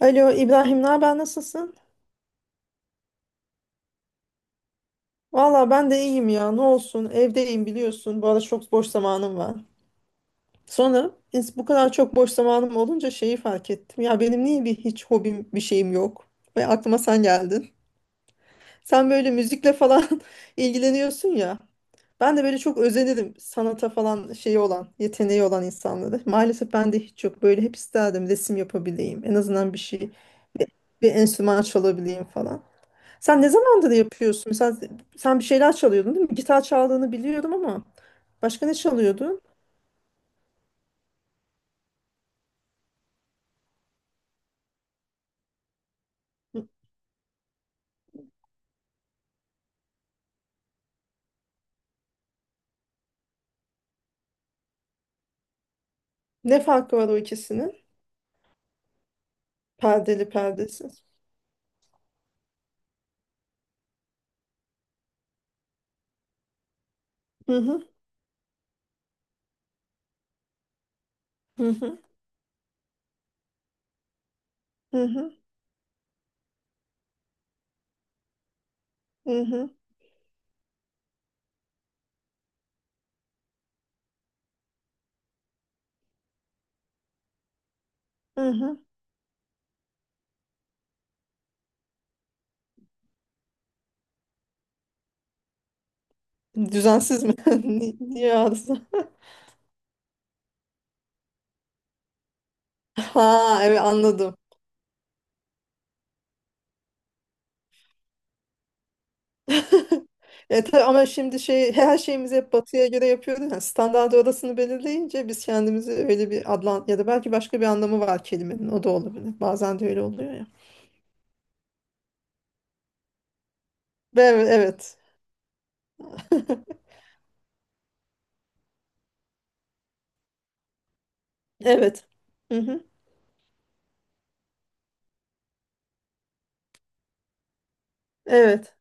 Alo İbrahim, ne haber nasılsın? Valla ben de iyiyim ya ne olsun evdeyim biliyorsun bu arada çok boş zamanım var. Sonra bu kadar çok boş zamanım olunca şeyi fark ettim. Ya benim niye bir hiç hobim bir şeyim yok? Ve aklıma sen geldin. Sen böyle müzikle falan ilgileniyorsun ya. Ben de böyle çok özenirim sanata falan şeyi olan, yeteneği olan insanları. Maalesef ben de hiç yok. Böyle hep isterdim resim yapabileyim. En azından bir şey, bir, bir enstrüman çalabileyim falan. Sen ne zamandır yapıyorsun? Mesela sen bir şeyler çalıyordun değil mi? Gitar çaldığını biliyorum ama başka ne çalıyordun? Ne farkı var o ikisinin? Perdeli perdesiz. Hı hı hı hı hı hı hı hı. Hı hı. Düzensiz mi? Niye arıza? Ha evet anladım. Tabii ama şimdi şey her şeyimizi hep batıya göre yapıyoruz. Yani standart orasını belirleyince biz kendimizi öyle bir adlan ya da belki başka bir anlamı var kelimenin. O da olabilir. Bazen de öyle oluyor ya. Ve evet, evet. Evet. Hı hı. Evet.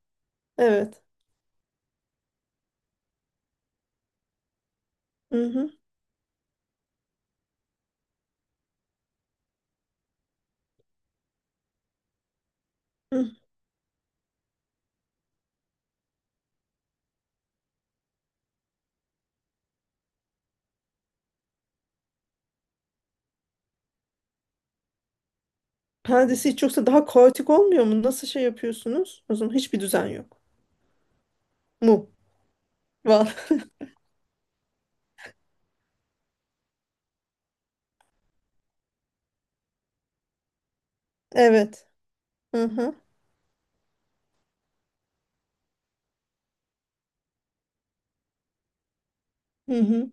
Evet. Hı hı. Hı. Perdesi hiç yoksa daha kaotik olmuyor mu? Nasıl şey yapıyorsunuz? O zaman hiçbir düzen yok. Mu? Var. Evet. Hı hı. Hı hı.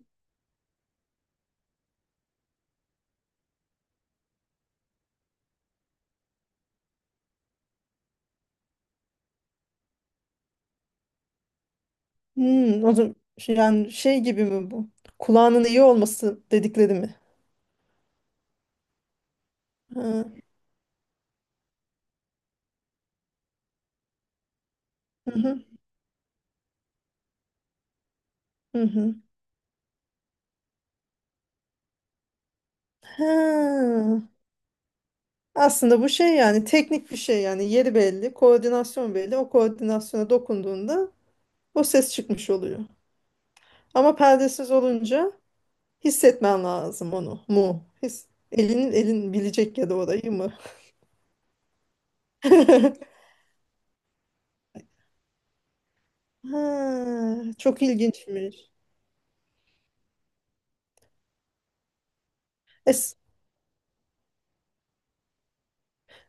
Hmm, o zaman şey- yani şey gibi mi bu? Kulağının iyi olması dedikleri mi? Ha. Hı hı. Hı hı. Ha. Aslında bu şey yani teknik bir şey yani yeri belli, koordinasyon belli. O koordinasyona dokunduğunda o ses çıkmış oluyor. Ama perdesiz olunca hissetmen lazım onu mu? His, elinin elin bilecek ya da orayı mı? Ha, çok ilginçmiş. Es,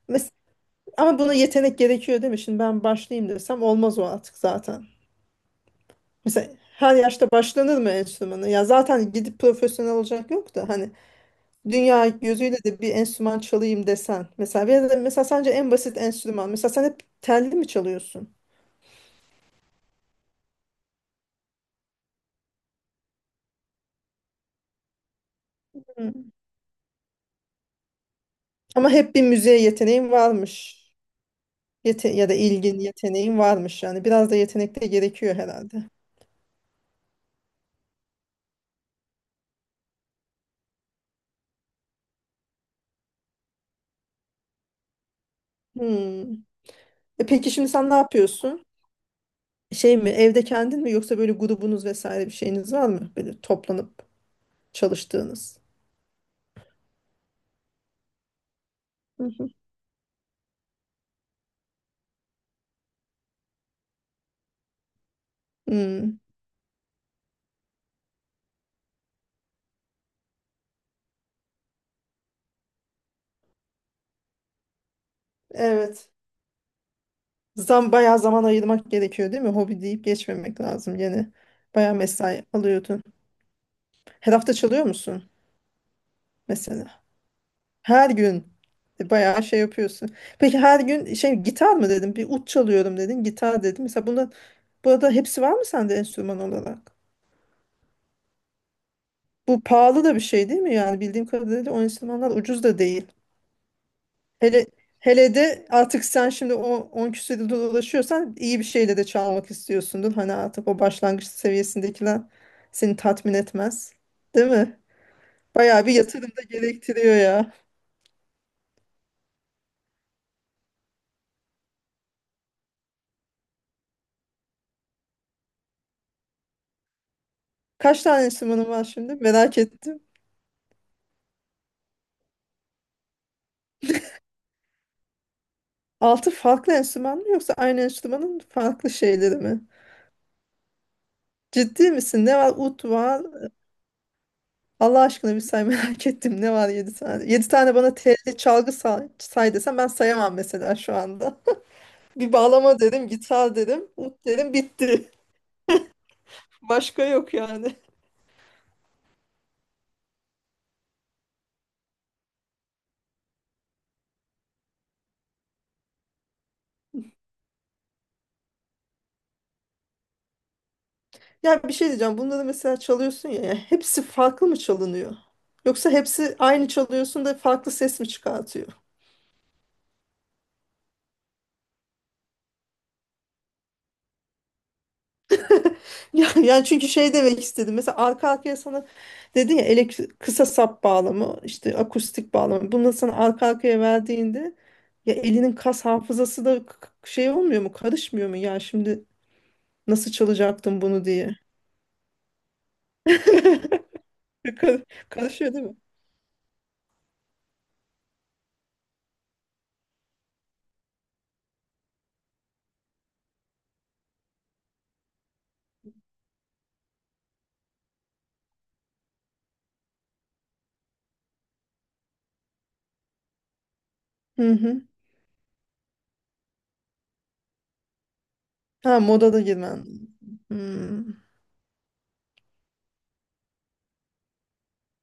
mes- ama buna yetenek gerekiyor değil mi? Şimdi ben başlayayım desem olmaz o artık zaten. Mesela her yaşta başlanır mı enstrümanı? Ya zaten gidip profesyonel olacak yok da hani dünya gözüyle de bir enstrüman çalayım desen. Mesela ya da mesela sence en basit enstrüman. Mesela sen hep telli mi çalıyorsun? Hı. Ama hep bir müziğe yeteneğin varmış. Yete ya da ilgin, yeteneğin varmış yani. Biraz da yetenek de gerekiyor herhalde. Hmm. E peki şimdi sen ne yapıyorsun? Şey mi, evde kendin mi yoksa böyle grubunuz vesaire bir şeyiniz var mı? Böyle toplanıp çalıştığınız. Hı hı. Hmm, evet. Zam bayağı zaman ayırmak gerekiyor değil mi? Hobi deyip geçmemek lazım gene. Bayağı mesai alıyordun. Her hafta çalıyor musun mesela? Her gün bayağı şey yapıyorsun. Peki her gün şey gitar mı dedim? Bir ut çalıyorum dedin. Gitar dedim. Mesela bunun burada hepsi var mı sende enstrüman olarak? Bu pahalı da bir şey değil mi? Yani bildiğim kadarıyla o enstrümanlar ucuz da değil. Hele hele de artık sen şimdi o 10 küsur yılda dolaşıyorsan iyi bir şeyle de çalmak istiyorsundur. Hani artık o başlangıç seviyesindekiler seni tatmin etmez. Değil mi? Bayağı bir yatırım da gerektiriyor ya. Kaç tane enstrümanın var şimdi? Merak ettim. Altı farklı enstrüman mı yoksa aynı enstrümanın farklı şeyleri mi? Ciddi misin? Ne var? Ut var. Allah aşkına bir say merak ettim. Ne var yedi tane? Yedi tane bana telli çalgı say, say desem ben sayamam mesela şu anda. Bir bağlama dedim, gitar dedim, ut dedim bitti. Başka yok yani. Ya bir şey diyeceğim. Bunları mesela çalıyorsun ya. Ya hepsi farklı mı çalınıyor? Yoksa hepsi aynı çalıyorsun da farklı ses mi çıkartıyor? Ya, yani çünkü şey demek istedim. Mesela arka arkaya sana dedin ya elektrik, kısa sap bağlamı, işte akustik bağlamı. Bunları sana arka arkaya verdiğinde ya elinin kas hafızası da şey olmuyor mu? Karışmıyor mu? Ya şimdi nasıl çalacaktım bunu diye. Karışıyor değil mi? Hı hı. Ha moda da girmen. Hmm.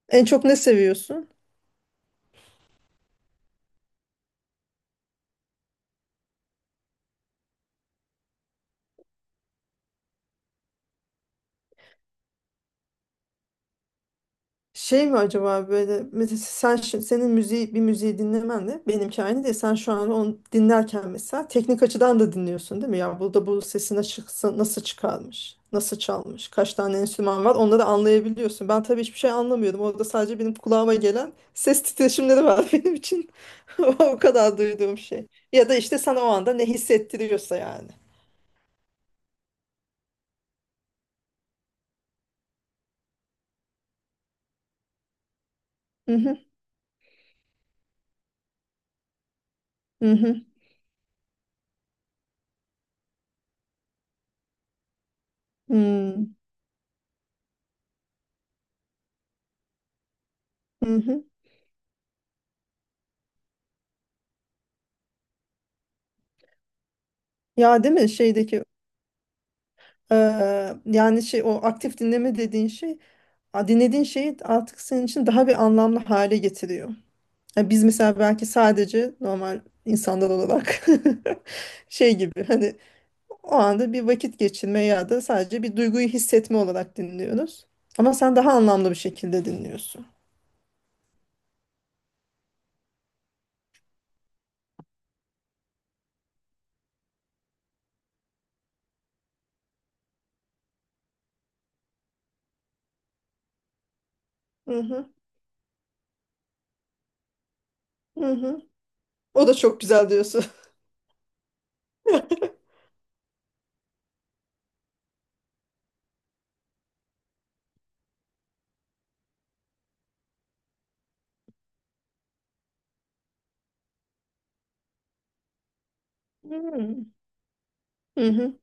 En çok ne seviyorsun? Şey mi acaba böyle mesela sen senin müziği bir müziği dinlemen de benimki aynı değil. Sen şu an onu dinlerken mesela teknik açıdan da dinliyorsun değil mi? Ya burada bu sesine çıksa nasıl çıkarmış? Nasıl çalmış? Kaç tane enstrüman var? Onları anlayabiliyorsun. Ben tabii hiçbir şey anlamıyordum. Orada sadece benim kulağıma gelen ses titreşimleri var benim için. O kadar duyduğum şey. Ya da işte sana o anda ne hissettiriyorsa yani. Hı hı hı hı. Hı, hı hı. Ya değil mi şeydeki yani şey o aktif dinleme dediğin şey dinlediğin şeyi artık senin için daha bir anlamlı hale getiriyor. Yani biz mesela belki sadece normal insanlar olarak şey gibi hani o anda bir vakit geçirme ya da sadece bir duyguyu hissetme olarak dinliyoruz. Ama sen daha anlamlı bir şekilde dinliyorsun. Hı hı, hı hı. O da çok güzel diyorsun. Hmm. Hı hı.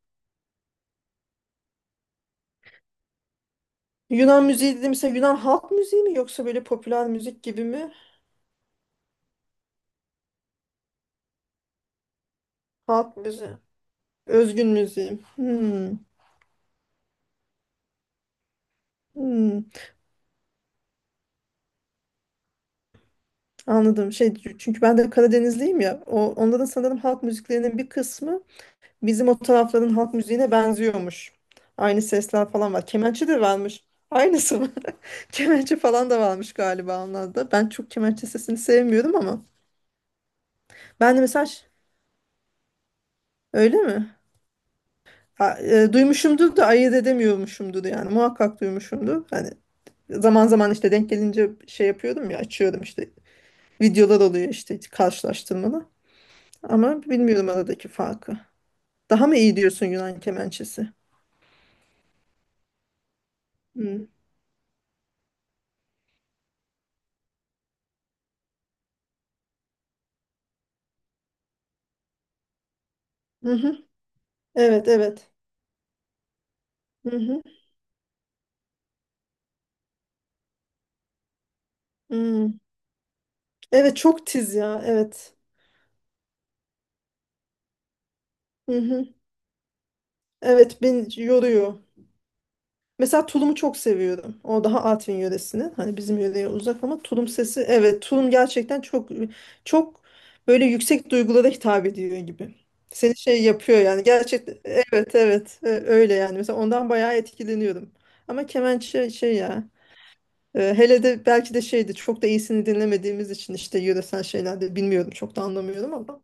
Yunan müziği dediğim mesela Yunan halk müziği mi yoksa böyle popüler müzik gibi mi? Halk müziği. Özgün müziğim. Hmm, hmm. Anladım. Şey çünkü ben de Karadenizliyim ya. Onların sanırım halk müziklerinin bir kısmı bizim o tarafların halk müziğine benziyormuş. Aynı sesler falan var. Kemençe de varmış. Aynısı mı? Kemençe falan da varmış galiba onlarda. Ben çok kemençe sesini sevmiyorum ama. Ben de mesela öyle mi? Ha, duymuşumdur da ayırt edemiyormuşumdur yani. Muhakkak duymuşumdur. Hani zaman zaman işte denk gelince şey yapıyordum ya açıyordum işte videolar oluyor işte karşılaştırmalı. Ama bilmiyorum aradaki farkı. Daha mı iyi diyorsun Yunan kemençesi? Hmm. Hı hı. Evet evet. Hı hı. Hmm. Evet çok tiz ya evet. Hı hı. Evet beni yoruyor. Mesela tulumu çok seviyorum. O daha Artvin yöresinin. Hani bizim yöreye uzak ama tulum sesi evet tulum gerçekten çok çok böyle yüksek duygulara hitap ediyor gibi. Seni şey yapıyor yani gerçekten evet evet öyle yani. Mesela ondan bayağı etkileniyorum. Ama kemençe şey şey ya hele de belki de şeydi çok da iyisini dinlemediğimiz için işte yöresel şeylerde bilmiyorum çok da anlamıyorum ama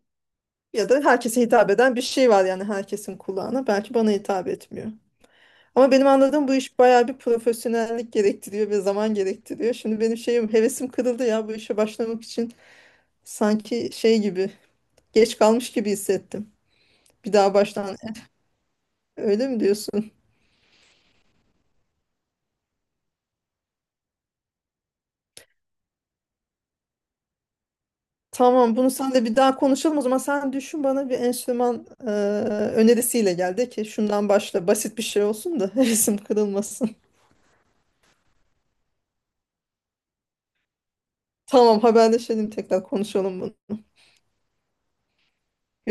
ya da herkese hitap eden bir şey var yani herkesin kulağına belki bana hitap etmiyor. Ama benim anladığım bu iş bayağı bir profesyonellik gerektiriyor ve zaman gerektiriyor. Şimdi benim şeyim hevesim kırıldı ya bu işe başlamak için sanki şey gibi geç kalmış gibi hissettim. Bir daha baştan öyle mi diyorsun? Tamam bunu sen de bir daha konuşalım o zaman sen düşün bana bir enstrüman önerisiyle gel de ki şundan başla basit bir şey olsun da hevesim kırılmasın. Tamam haberleşelim tekrar konuşalım bunu.